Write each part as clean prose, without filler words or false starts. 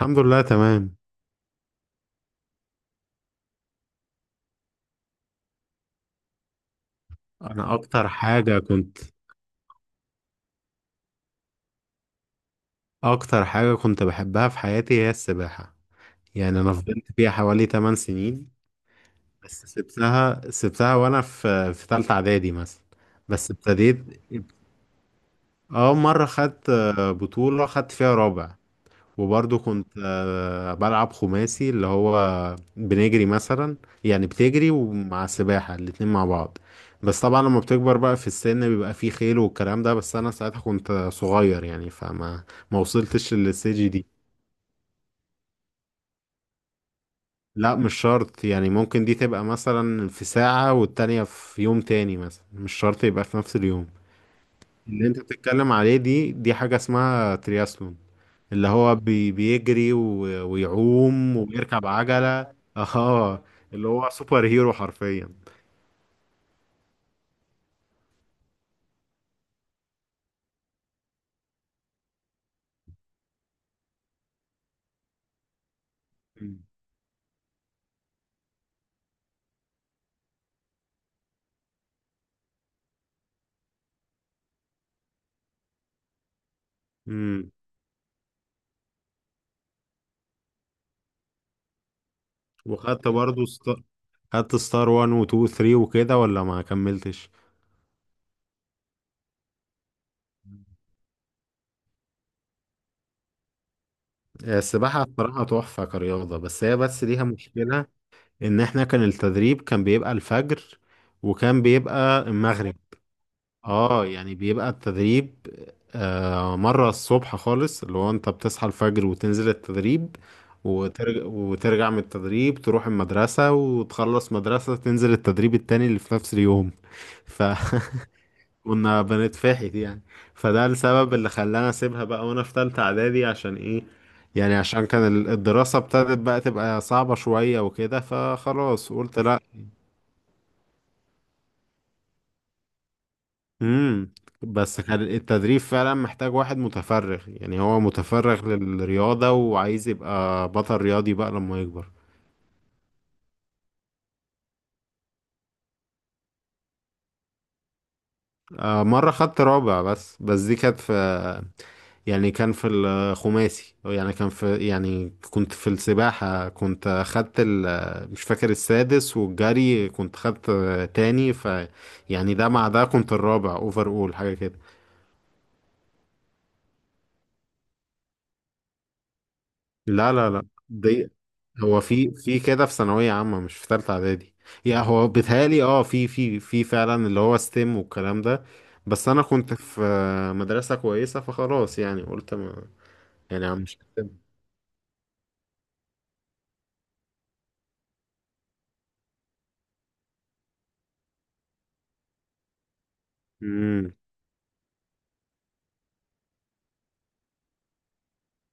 الحمد لله تمام انا اكتر حاجة كنت اكتر حاجة كنت بحبها في حياتي هي السباحة. يعني انا فضلت فيها حوالي 8 سنين. بس سبتها وانا في تالتة اعدادي مثلا. بس ابتديت، اه مرة خدت بطولة خدت فيها رابع. وبرضه كنت بلعب خماسي اللي هو بنجري مثلا، يعني بتجري ومع السباحة الاتنين مع بعض. بس طبعا لما بتكبر بقى في السن بيبقى فيه خيل والكلام ده، بس انا ساعتها كنت صغير يعني، فما ما وصلتش للسيجي دي. لا مش شرط يعني، ممكن دي تبقى مثلا في ساعة والتانية في يوم تاني مثلا، مش شرط يبقى في نفس اليوم. اللي انت بتتكلم عليه دي حاجة اسمها ترياسلون، اللي هو بيجري ويعوم وبيركب عجلة اه اللي هو سوبر هيرو حرفيا. امم. وخدت برضو خدت ستار 1 و 2 و 3 وكده، ولا ما كملتش؟ السباحة بصراحة تحفة كرياضة، بس هي بس ليها مشكلة، إن إحنا كان التدريب كان بيبقى الفجر وكان بيبقى المغرب. اه يعني بيبقى التدريب، مرة الصبح خالص اللي هو انت بتصحى الفجر وتنزل التدريب، وترجع من التدريب تروح المدرسة، وتخلص مدرسة تنزل التدريب التاني اللي في نفس اليوم. فكنا بنتفحت يعني. فده السبب اللي خلاني اسيبها بقى وانا في تالتة اعدادي، عشان ايه؟ يعني عشان كان الدراسة ابتدت بقى تبقى صعبة شوية وكده، فخلاص قلت لا. امم. بس كان التدريب فعلا محتاج واحد متفرغ، يعني هو متفرغ للرياضة وعايز يبقى بطل رياضي بقى لما يكبر. مرة خدت رابع، بس دي كانت في، يعني كان في الخماسي، يعني كان في، يعني كنت في السباحة كنت خدت ال مش فاكر السادس، والجري كنت خدت تاني. ف يعني ده مع ده كنت الرابع اوفر اول حاجة كده. لا، لا، لا. دي هو في كده في ثانوية عامة مش في تالتة إعدادي. يعني هو بيتهيألي اه في فعلا اللي هو ستيم والكلام ده. بس أنا كنت في مدرسة كويسة، فخلاص يعني قلت ما. يعني مش هتم.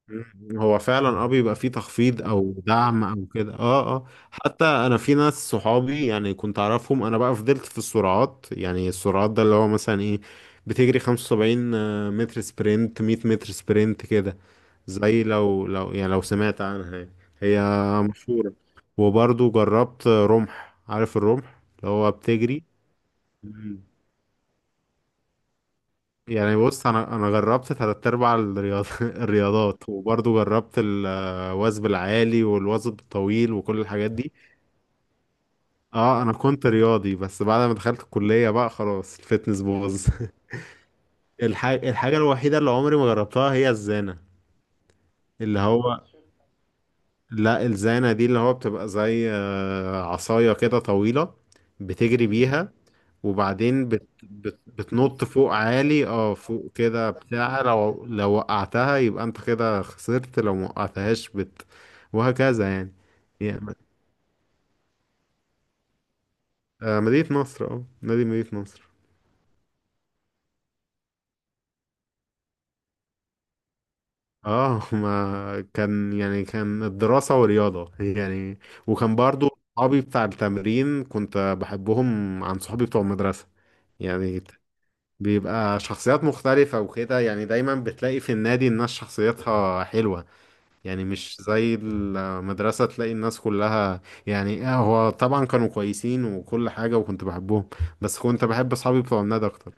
مم. هو فعلا اه بيبقى فيه تخفيض او دعم او كده. اه اه، حتى انا في ناس صحابي يعني كنت اعرفهم، انا بقى فضلت في السرعات، يعني السرعات ده اللي هو مثلا ايه، بتجري 75 متر سبرنت، 100 متر سبرنت كده. زي لو يعني، لو سمعت عنها يعني. هي مشهورة. وبرضو جربت رمح، عارف الرمح اللي هو بتجري. مم. يعني بص انا جربت تلات ارباع الرياضات، وبرضو جربت الوثب العالي والوثب الطويل وكل الحاجات دي. اه انا كنت رياضي، بس بعد ما دخلت الكلية بقى خلاص الفتنس باظ الحاجة الوحيدة اللي عمري ما جربتها هي الزانة. اللي هو لا الزانة دي اللي هو بتبقى زي عصاية كده طويلة، بتجري بيها وبعدين بتنط فوق عالي اه فوق كده بتاع، لو وقعتها يبقى انت كده خسرت، لو ما وقعتهاش وهكذا يعني. يعني مدينة نصر. اه نادي مدينة نصر. اه ما كان يعني كان الدراسة ورياضة يعني، وكان برضو صحابي بتاع التمرين كنت بحبهم عن صحابي بتوع المدرسة. يعني بيبقى شخصيات مختلفة وكده، يعني دايما بتلاقي في النادي الناس شخصيتها حلوة، يعني مش زي المدرسة تلاقي الناس كلها. يعني هو طبعا كانوا كويسين وكل حاجة وكنت بحبهم، بس كنت بحب أصحابي بتوع النادي أكتر.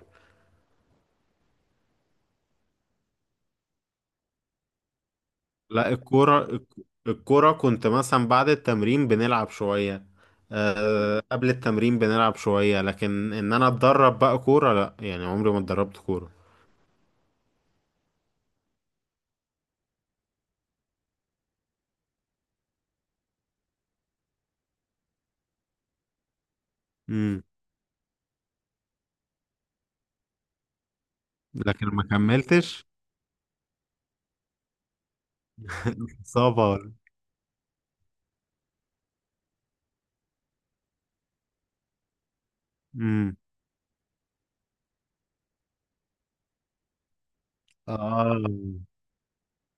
لا الكورة الكورة كنت مثلا بعد التمرين بنلعب شوية، أه قبل التمرين بنلعب شوية، لكن إن أنا أتدرب بقى كورة لا، يعني عمري ما اتدربت كورة. امم. لكن ما كملتش. صبر. امم. اه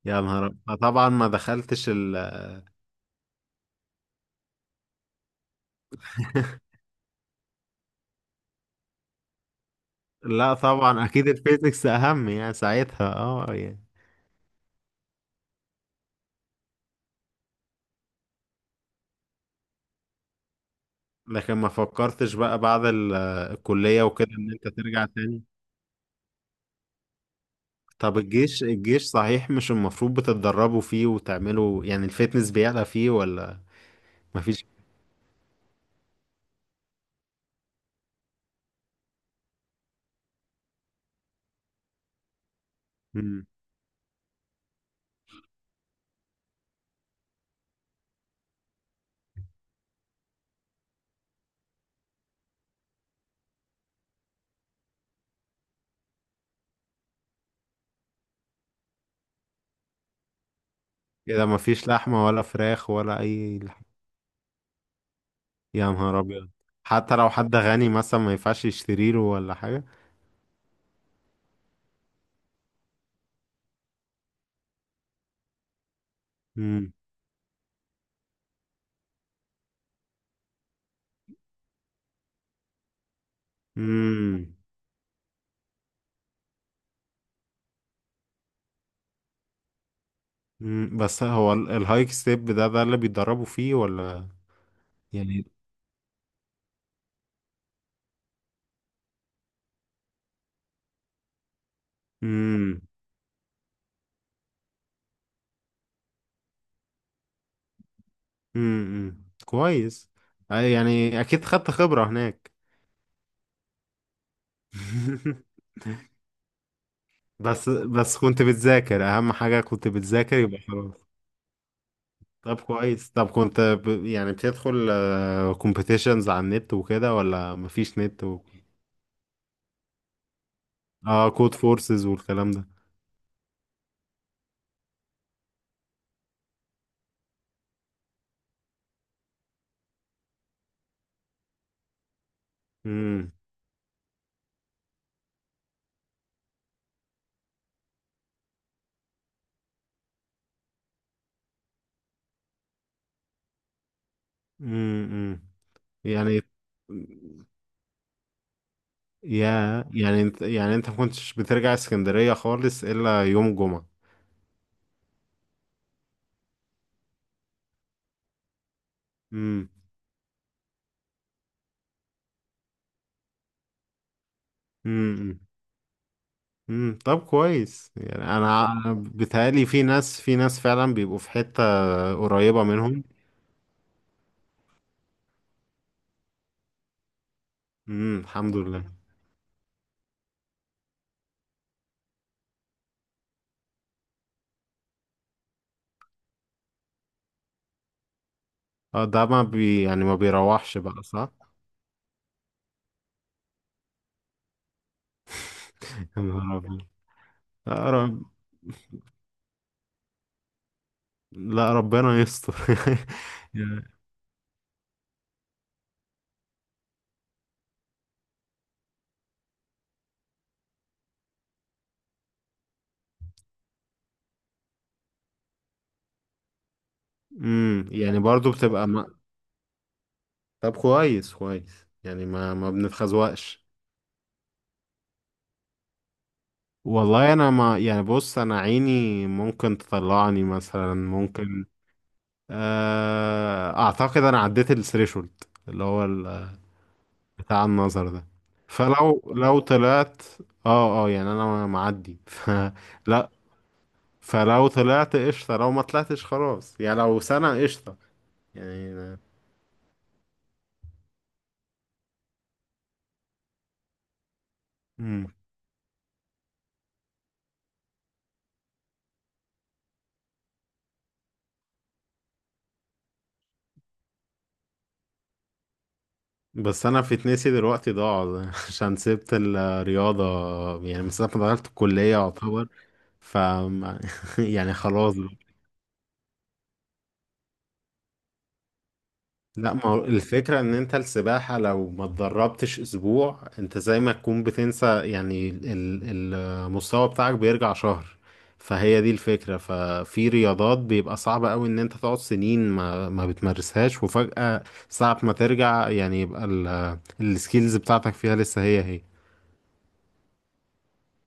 يا نهار طبعا ما دخلتش ال لا طبعا اكيد الفيزيكس اهم، يعني ساعتها اه يعني. لكن ما فكرتش بقى بعد الكلية وكده ان انت ترجع تاني. طب الجيش، الجيش صحيح مش المفروض بتتدربوا فيه وتعملوا يعني الفتنس بيعلى فيه ولا؟ مفيش. مم. كده مفيش لحمة ولا فراخ ولا اي لحمة. يا نهار ابيض. حتى لو حد غني مثلا ما ينفعش يشتري له ولا حاجة. مم. مم. مم. بس هو الهايك ستيب ده ده اللي بيتدربوا فيه ولا؟ يعني. مم. كويس. أي يعني اكيد خدت خبرة هناك. بس بس كنت بتذاكر اهم حاجة، كنت بتذاكر يبقى خلاص. طب كويس، طب كنت يعني بتدخل كومبيتيشنز على النت وكده ولا مفيش نت و... اه كود فورسز والكلام ده. امم. امم. امم. يعني يا يعني انت، يعني انت ما كنتش بترجع اسكندرية خالص الا يوم جمعة. امم. امم. امم. طب كويس يعني انا، مم، أنا بيتهيألي في ناس فعلا بيبقوا في حتة قريبة منهم. الحمد لله. اه ده ما بي يعني ما بيروحش بقى صح. يا نهار أبيض. لا رب... لا ربنا يستر. يعني. امم. يعني برضو بتبقى ما... طب كويس كويس يعني ما ما بنتخزوقش. والله انا ما يعني، بص انا عيني ممكن تطلعني مثلا، ممكن اعتقد انا عديت الثريشولد اللي هو بتاع النظر ده. فلو طلعت، اه اه يعني انا معدي ف. لا، فلو طلعت قشطة، لو ما طلعتش خلاص يعني، لو سنة قشطة يعني. مم. بس انا في تنسي دلوقتي ضاع عشان سبت الرياضة، يعني من ساعة ما دخلت الكلية يعتبر. ف يعني خلاص. لا، ما هو الفكرة ان انت السباحة لو ما اتدربتش اسبوع انت زي ما تكون بتنسى، يعني المستوى بتاعك بيرجع شهر. فهي دي الفكرة، ففي رياضات بيبقى صعب قوي ان انت تقعد سنين ما بتمارسهاش، وفجأة ساعة ما ترجع يعني يبقى السكيلز بتاعتك فيها لسه هي هي